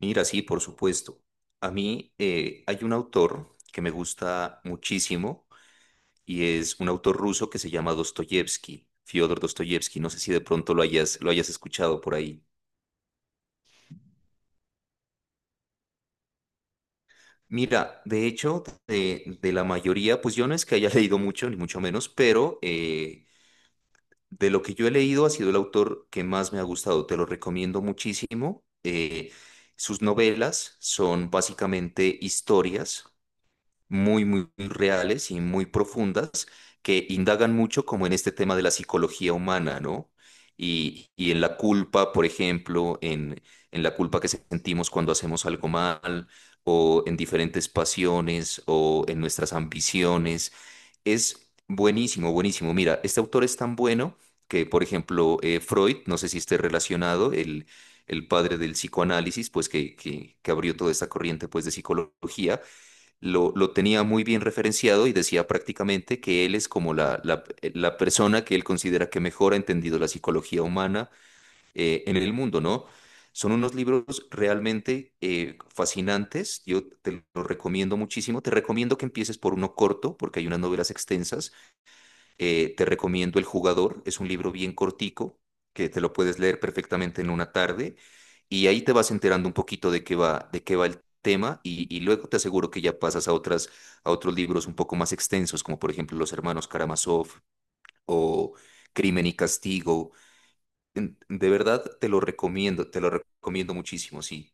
Mira, sí, por supuesto. A mí hay un autor que me gusta muchísimo y es un autor ruso que se llama Dostoyevsky, Fyodor Dostoyevsky. No sé si de pronto lo hayas escuchado por ahí. Mira, de hecho, de la mayoría, pues yo no es que haya leído mucho, ni mucho menos, pero de lo que yo he leído ha sido el autor que más me ha gustado. Te lo recomiendo muchísimo. Sus novelas son básicamente historias muy, muy reales y muy profundas que indagan mucho como en este tema de la psicología humana, ¿no? Y en la culpa, por ejemplo, en la culpa que sentimos cuando hacemos algo mal, o en diferentes pasiones, o en nuestras ambiciones. Es buenísimo, buenísimo. Mira, este autor es tan bueno que, por ejemplo, Freud, no sé si esté relacionado, el padre del psicoanálisis, pues que abrió toda esta corriente pues, de psicología lo tenía muy bien referenciado y decía prácticamente que él es como la persona que él considera que mejor ha entendido la psicología humana en el mundo, ¿no? Son unos libros realmente fascinantes. Yo te los recomiendo muchísimo, te recomiendo que empieces por uno corto, porque hay unas novelas extensas. Te recomiendo El Jugador, es un libro bien cortico que te lo puedes leer perfectamente en una tarde y ahí te vas enterando un poquito de qué va el tema y luego te aseguro que ya pasas a otras, a otros libros un poco más extensos, como por ejemplo Los Hermanos Karamazov o Crimen y Castigo. De verdad te lo recomiendo muchísimo, sí.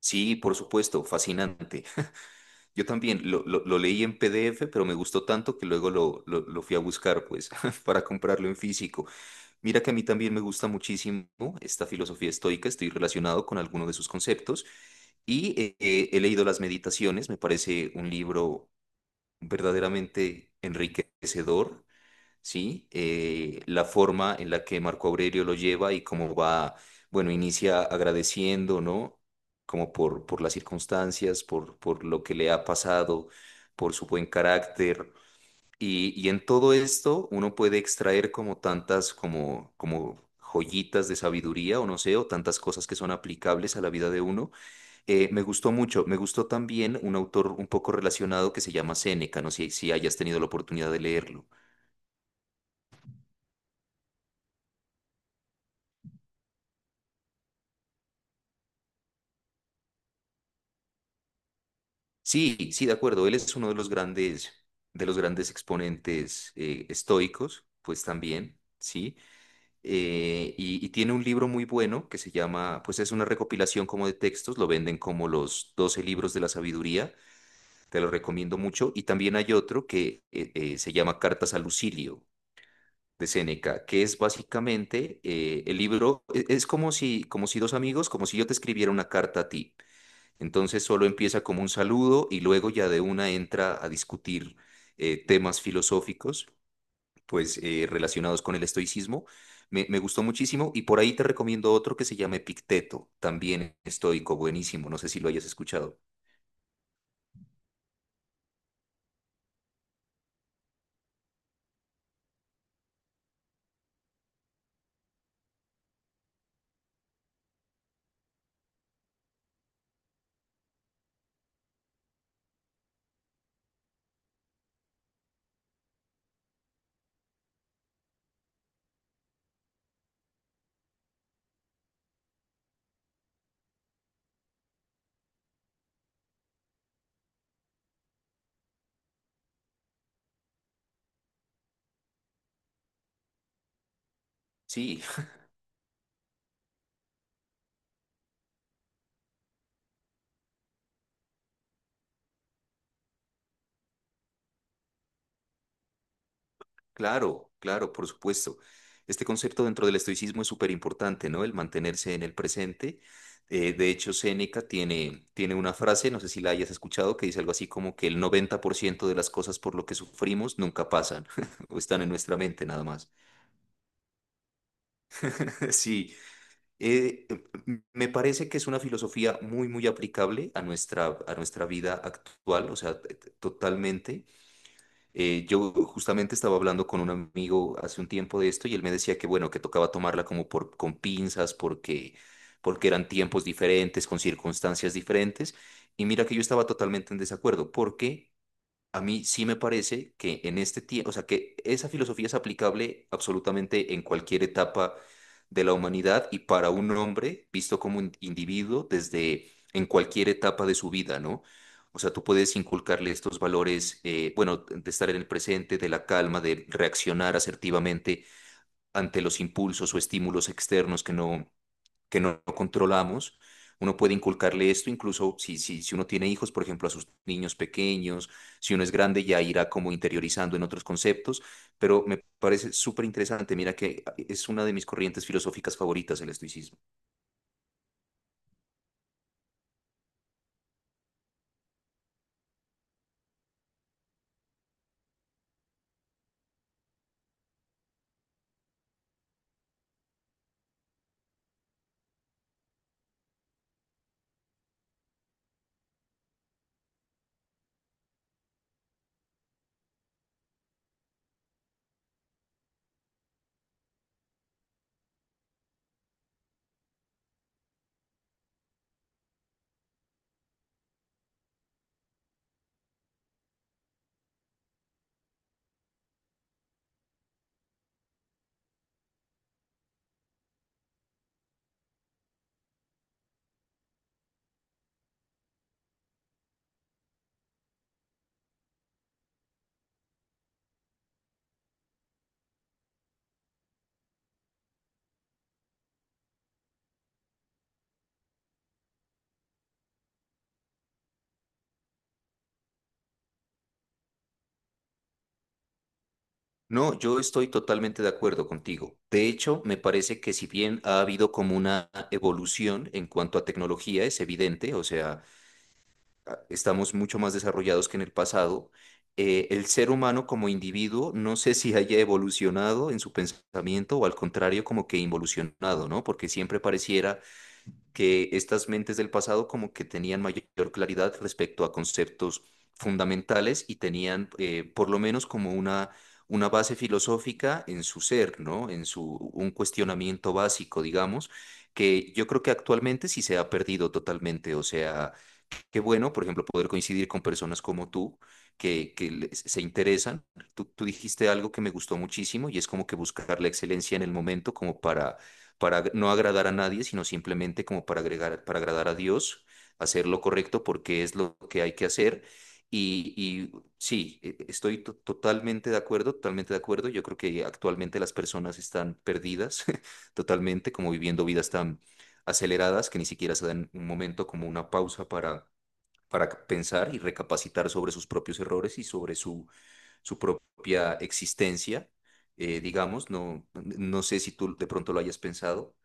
Sí, por supuesto, fascinante. Yo también lo leí en PDF, pero me gustó tanto que luego lo fui a buscar, pues, para comprarlo en físico. Mira que a mí también me gusta muchísimo esta filosofía estoica, estoy relacionado con alguno de sus conceptos y he leído Las Meditaciones, me parece un libro verdaderamente enriquecedor, ¿sí? La forma en la que Marco Aurelio lo lleva y cómo va, bueno, inicia agradeciendo, ¿no? Como por las circunstancias, por lo que le ha pasado, por su buen carácter. Y en todo esto uno puede extraer como joyitas de sabiduría o no sé, o tantas cosas que son aplicables a la vida de uno. Me gustó mucho, me gustó también un autor un poco relacionado que se llama Séneca, no sé si hayas tenido la oportunidad de leerlo. Sí, sí, de acuerdo. Él es uno de los grandes exponentes estoicos, pues también, sí. Y tiene un libro muy bueno que se llama, pues es una recopilación como de textos, lo venden como los 12 libros de la sabiduría, te lo recomiendo mucho. Y también hay otro que se llama Cartas a Lucilio de Séneca, que es básicamente el libro, es como si dos amigos, como si yo te escribiera una carta a ti. Entonces solo empieza como un saludo y luego ya de una entra a discutir temas filosóficos, pues relacionados con el estoicismo. Me gustó muchísimo y por ahí te recomiendo otro que se llama Epicteto, también estoico, buenísimo, no sé si lo hayas escuchado. Sí, claro, claro, por supuesto. Este concepto dentro del estoicismo es súper importante, ¿no? El mantenerse en el presente. De hecho, Séneca tiene una frase, no sé si la hayas escuchado, que dice algo así como que el 90% de las cosas por lo que sufrimos nunca pasan o están en nuestra mente nada más. Sí, eh, me parece que es una filosofía muy, muy aplicable a nuestra vida actual, o sea, totalmente. Yo justamente estaba hablando con un amigo hace un tiempo de esto y él me decía que bueno, que tocaba tomarla como por con pinzas porque eran tiempos diferentes, con circunstancias diferentes. Y mira que yo estaba totalmente en desacuerdo, porque a mí sí me parece que en este tiempo, o sea, que esa filosofía es aplicable absolutamente en cualquier etapa de la humanidad y para un hombre visto como un individuo desde en cualquier etapa de su vida, ¿no? O sea, tú puedes inculcarle estos valores, bueno, de estar en el presente, de la calma, de reaccionar asertivamente ante los impulsos o estímulos externos que no controlamos. Uno puede inculcarle esto, incluso si uno tiene hijos, por ejemplo, a sus niños pequeños, si uno es grande ya irá como interiorizando en otros conceptos, pero me parece súper interesante. Mira que es una de mis corrientes filosóficas favoritas el estoicismo. No, yo estoy totalmente de acuerdo contigo. De hecho, me parece que si bien ha habido como una evolución en cuanto a tecnología, es evidente, o sea, estamos mucho más desarrollados que en el pasado. El ser humano como individuo, no sé si haya evolucionado en su pensamiento o al contrario, como que involucionado, ¿no? Porque siempre pareciera que estas mentes del pasado como que tenían mayor claridad respecto a conceptos fundamentales y tenían por lo menos como una base filosófica en su ser, ¿no? En su, un cuestionamiento básico, digamos, que yo creo que actualmente sí se ha perdido totalmente, o sea. Qué bueno, por ejemplo, poder coincidir con personas como tú que, se interesan. Tú dijiste algo que me gustó muchísimo y es como que buscar la excelencia en el momento como para, no agradar a nadie, sino simplemente como para agregar, para agradar a Dios, hacer lo correcto porque es lo que hay que hacer. Y sí, estoy totalmente de acuerdo, totalmente de acuerdo. Yo creo que actualmente las personas están perdidas totalmente, como viviendo vidas tan aceleradas que ni siquiera se dan un momento como una pausa para pensar y recapacitar sobre sus propios errores y sobre su propia existencia, digamos, no sé si tú de pronto lo hayas pensado.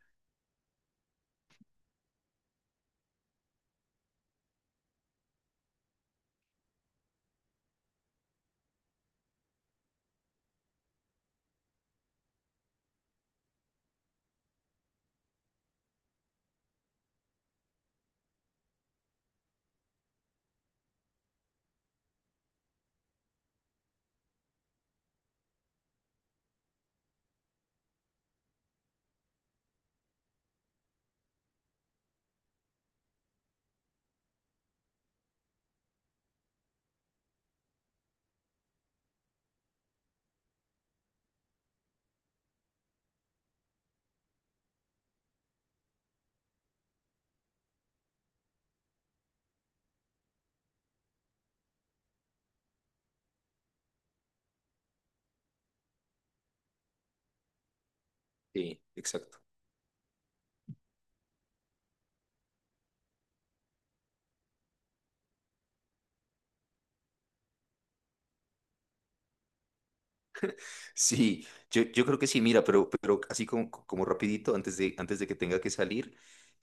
Sí, exacto. Sí, yo creo que sí, mira, pero así como, como rapidito, antes de que tenga que salir,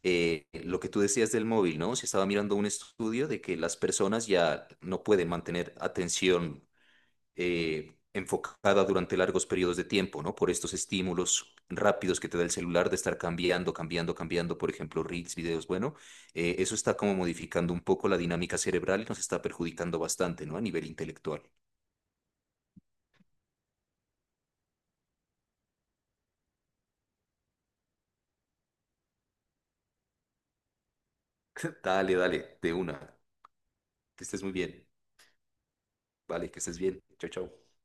lo que tú decías del móvil, ¿no? Se estaba mirando un estudio de que las personas ya no pueden mantener atención enfocada durante largos periodos de tiempo, ¿no? Por estos estímulos rápidos que te da el celular de estar cambiando, cambiando, cambiando, por ejemplo, reels, videos, bueno, eso está como modificando un poco la dinámica cerebral y nos está perjudicando bastante, ¿no? A nivel intelectual. Dale, dale, de una. Que estés muy bien. Vale, que estés bien. Chao, chao.